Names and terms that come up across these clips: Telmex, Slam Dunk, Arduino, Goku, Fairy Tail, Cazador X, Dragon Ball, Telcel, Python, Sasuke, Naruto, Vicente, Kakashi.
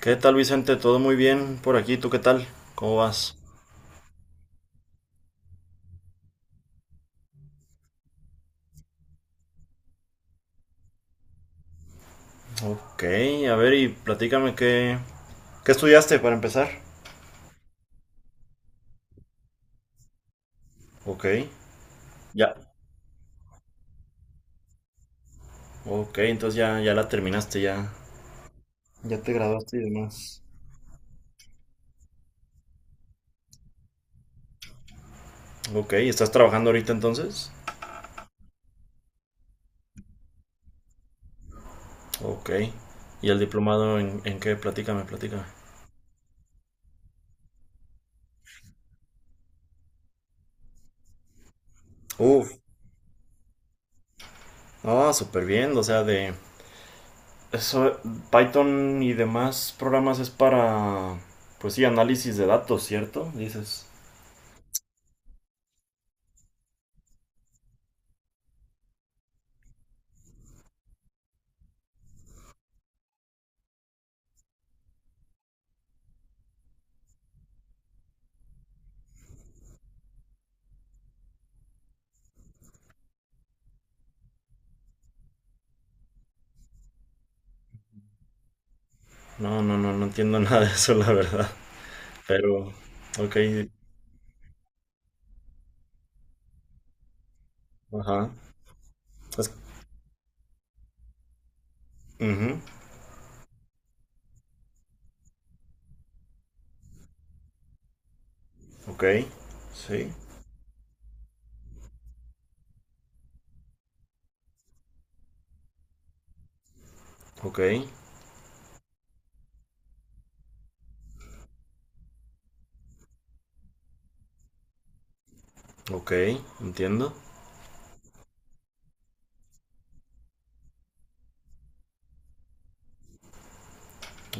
¿Qué tal, Vicente? ¿Todo muy bien por aquí? ¿Tú qué tal? ¿Cómo vas? Ok, a ver y qué estudiaste para empezar. Ok, ya. Ok, entonces ya, ya la terminaste, ya. Ya te graduaste y demás. Ok, ¿estás trabajando ahorita entonces? Ok. ¿Y el en qué? Platícame, platícame. Uf, ah, súper bien, o sea, de... Eso, Python y demás programas es pues sí, análisis de datos, ¿cierto? Dices. No, entiendo nada de eso, la verdad. Pero, ok, ajá. Es, ujú, ok, sí, ok, ok, entiendo.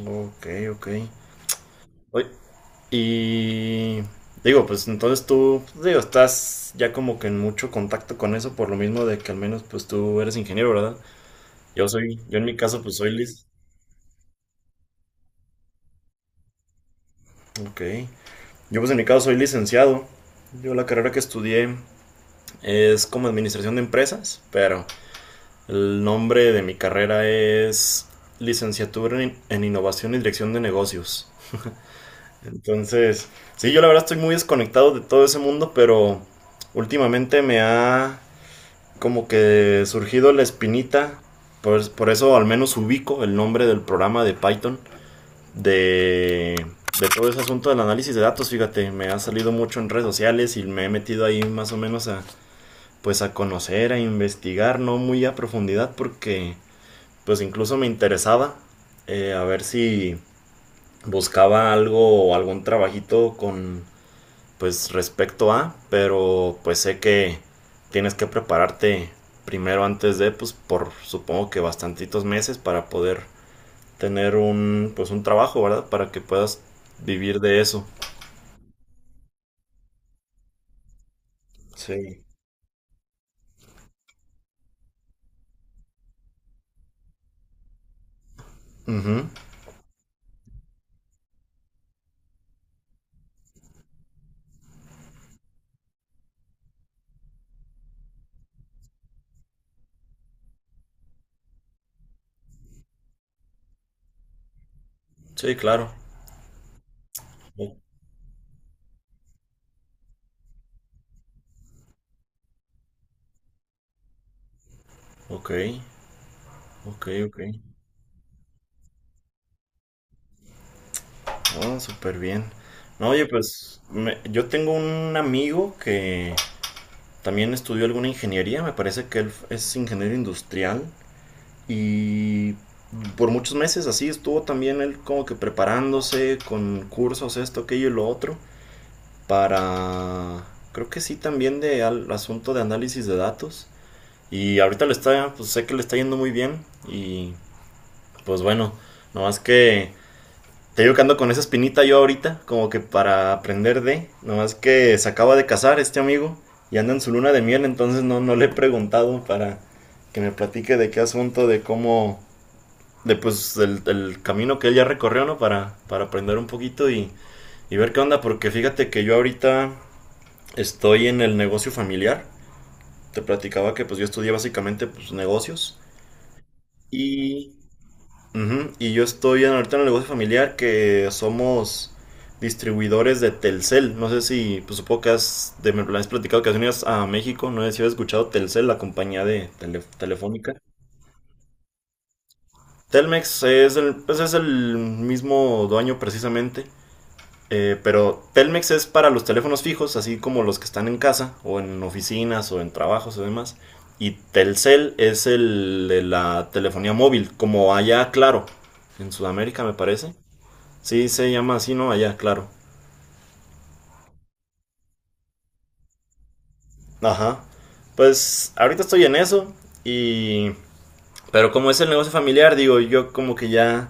Ok, ok. Oye, y digo, pues entonces tú, digo, estás ya como que en mucho contacto con eso, por lo mismo de que al menos pues tú eres ingeniero, ¿verdad? Yo en mi caso pues soy lic... Ok. Yo pues en mi caso soy licenciado. Yo la carrera que estudié es como administración de empresas, pero... El nombre de mi carrera es Licenciatura en Innovación y Dirección de Negocios. Entonces, sí, yo la verdad estoy muy desconectado de todo ese mundo, pero últimamente me ha como que surgido la espinita, por eso al menos ubico el nombre del programa de Python, de, de todo ese asunto del análisis de datos, fíjate, me ha salido mucho en redes sociales y me he metido ahí más o menos a, pues a conocer, a investigar, no muy a profundidad porque pues incluso me interesaba a ver si buscaba algo o algún trabajito con pues respecto a, pero pues sé que tienes que prepararte primero antes de pues por supongo que bastantitos meses para poder tener un pues un trabajo, ¿verdad? Para que puedas vivir de eso. Sí. Ujú. Sí, claro. O- Ok, ok, ok. Oh, súper bien. No, oye, pues me- yo tengo un amigo que también estudió alguna ingeniería, me parece que él es ingeniero industrial y por muchos meses así estuvo también él como que preparándose con cursos, esto, aquello y lo otro, para, creo que sí también de al asunto de análisis de datos. Y ahorita le está, pues sé que le está yendo muy bien y pues bueno, no más que te digo que ando con esa espinita yo ahorita, como que para aprender de. Nomás que se acaba de casar este amigo y anda en su luna de miel, entonces no le he preguntado para que me platique de qué asunto, de cómo. De pues el camino que él ya recorrió, ¿no? Para aprender un poquito y ver qué onda, porque fíjate que yo ahorita estoy en el negocio familiar. Te platicaba que pues yo estudié básicamente pues negocios y ujú, y yo estoy en- ahorita en el negocio familiar que somos distribuidores de Telcel. No sé si, pues supongo que has, de, me lo has platicado que has venido a México. No sé si has escuchado Telcel, la compañía de tele- telefónica. Telmex es el, pues es el mismo dueño precisamente. Eh, pero Telmex es para los teléfonos fijos, así como los que están en casa o en oficinas o en trabajos o demás. Y Telcel es el de la telefonía móvil, como allá, claro, en Sudamérica me parece. Sí, se llama así, ¿no? Allá, claro. Ajá. Pues ahorita estoy en eso y... Pero como es el negocio familiar, digo, yo como que ya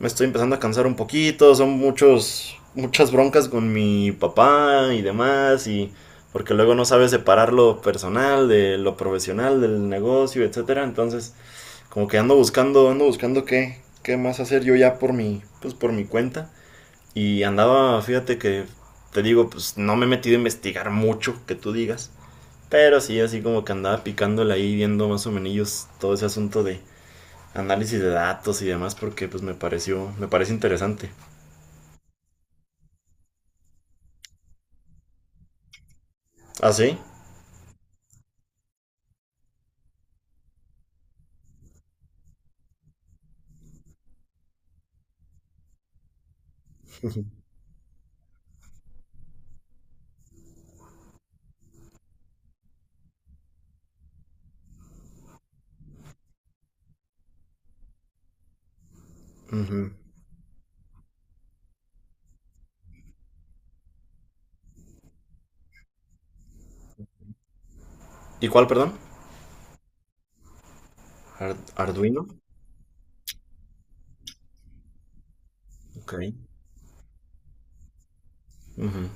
me estoy empezando a cansar un poquito, son muchas broncas con mi papá y demás, y porque luego no sabes separar lo personal de lo profesional, del negocio, etcétera. Entonces, como que ando buscando qué, qué más hacer yo ya por mi, pues por mi cuenta. Y andaba, fíjate que, te digo, pues no me he metido a investigar mucho, que tú digas. Pero sí, así como que andaba picándole ahí, viendo más o menos todo ese asunto de análisis de datos y demás, porque pues me pareció, me parece interesante. ¿Ah, sí? Ujú. ¿Y cuál, perdón? Ar- Arduino. Ok. Ujú.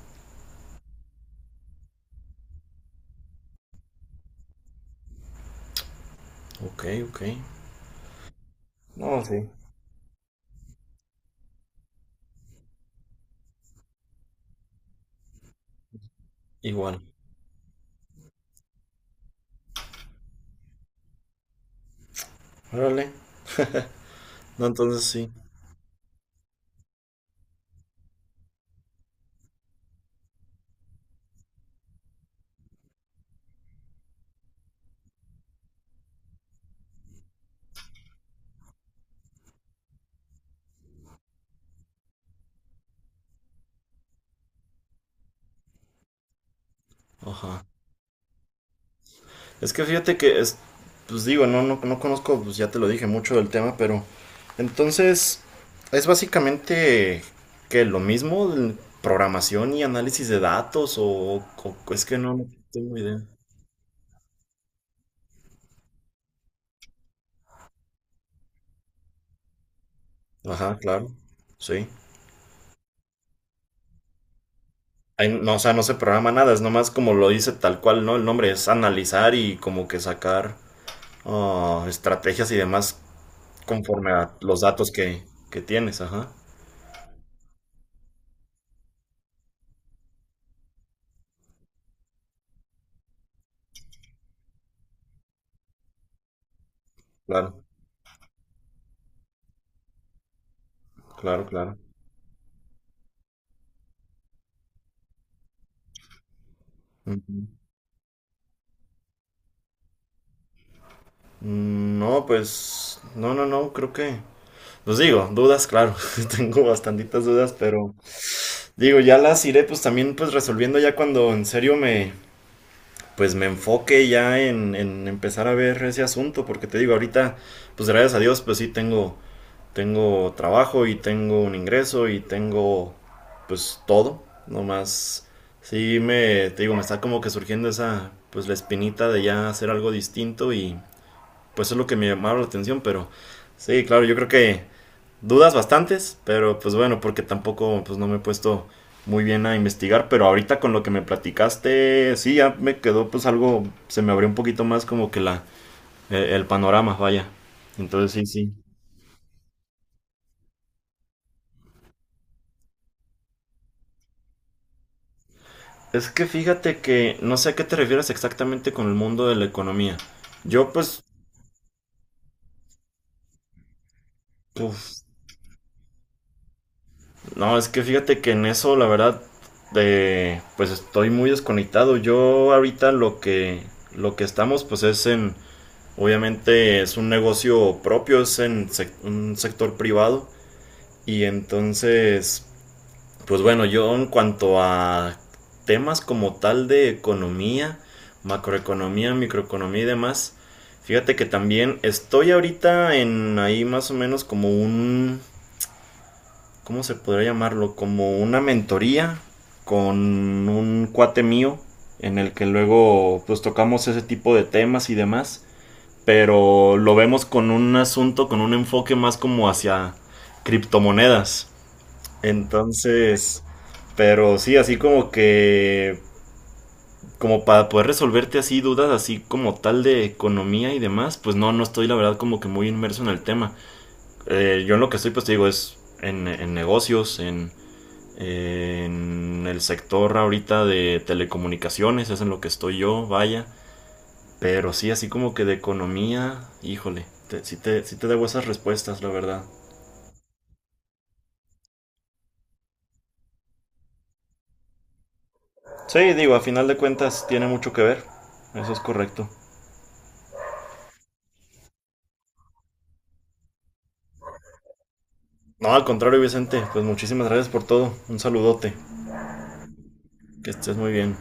Ok, ok. No, sí. Igual. Órale. No, entonces sí. Ajá. Es que fíjate que, pues digo, no conozco, pues ya te lo dije mucho del tema, pero entonces es básicamente que lo mismo, el- programación y análisis de datos, o- es que no tengo idea. Ajá, claro, sí. Ahí no, o sea, no se programa nada, es nomás como lo dice tal cual, ¿no? El nombre es analizar y como que sacar ah, estrategias y demás conforme a los que tienes, ajá. Claro, claro, claro. Ujú. Mm, no, pues no, creo que... Pues digo, dudas, claro, tengo bastantitas dudas, pero digo, ya las iré pues también pues resolviendo ya cuando en serio me pues me enfoque ya en empezar a ver ese asunto, porque te digo, ahorita pues gracias a Dios pues sí, tengo trabajo y tengo un ingreso y tengo pues todo, nomás sí me te digo, me está como que surgiendo esa pues la espinita de ya hacer algo distinto y pues es lo que me llamaba la atención, pero sí, claro, yo creo que dudas bastantes, pero pues bueno, porque tampoco pues no me he puesto muy bien a investigar, pero ahorita con lo que me platicaste, sí, ya me quedó pues algo, se me abrió un poquito más como que el panorama, vaya. Entonces sí, sí. Es que fíjate que no sé a qué te refieres exactamente con el mundo de la economía. Yo pues, uf, no, es que fíjate que en eso, la verdad, de, pues estoy muy desconectado. Yo ahorita lo que estamos, pues es obviamente es un negocio propio, es en sec- un sector privado. Y entonces, pues bueno, yo en cuanto a temas como tal de economía, macroeconomía, microeconomía y demás, fíjate que también estoy ahorita en ahí más o menos como un ¿cómo se podría llamarlo? Como una mentoría con un cuate mío en el que luego pues tocamos ese tipo de temas y demás, pero lo vemos con un asunto, con un enfoque más como hacia criptomonedas. Entonces, pero sí, así como que, como para poder resolverte así dudas, así como tal de economía y demás, pues no, no estoy la verdad como que muy inmerso en el tema. Yo en lo que estoy, pues te digo, es en negocios, en el sector ahorita de telecomunicaciones es en lo que estoy yo, vaya. Pero sí, así como que de economía, híjole, te- sí, te, sí te debo esas respuestas, la verdad. Sí, digo, a final de cuentas tiene mucho que ver. Eso es correcto. No, al contrario, Vicente, pues muchísimas gracias por todo. Un saludote. Que estés muy bien.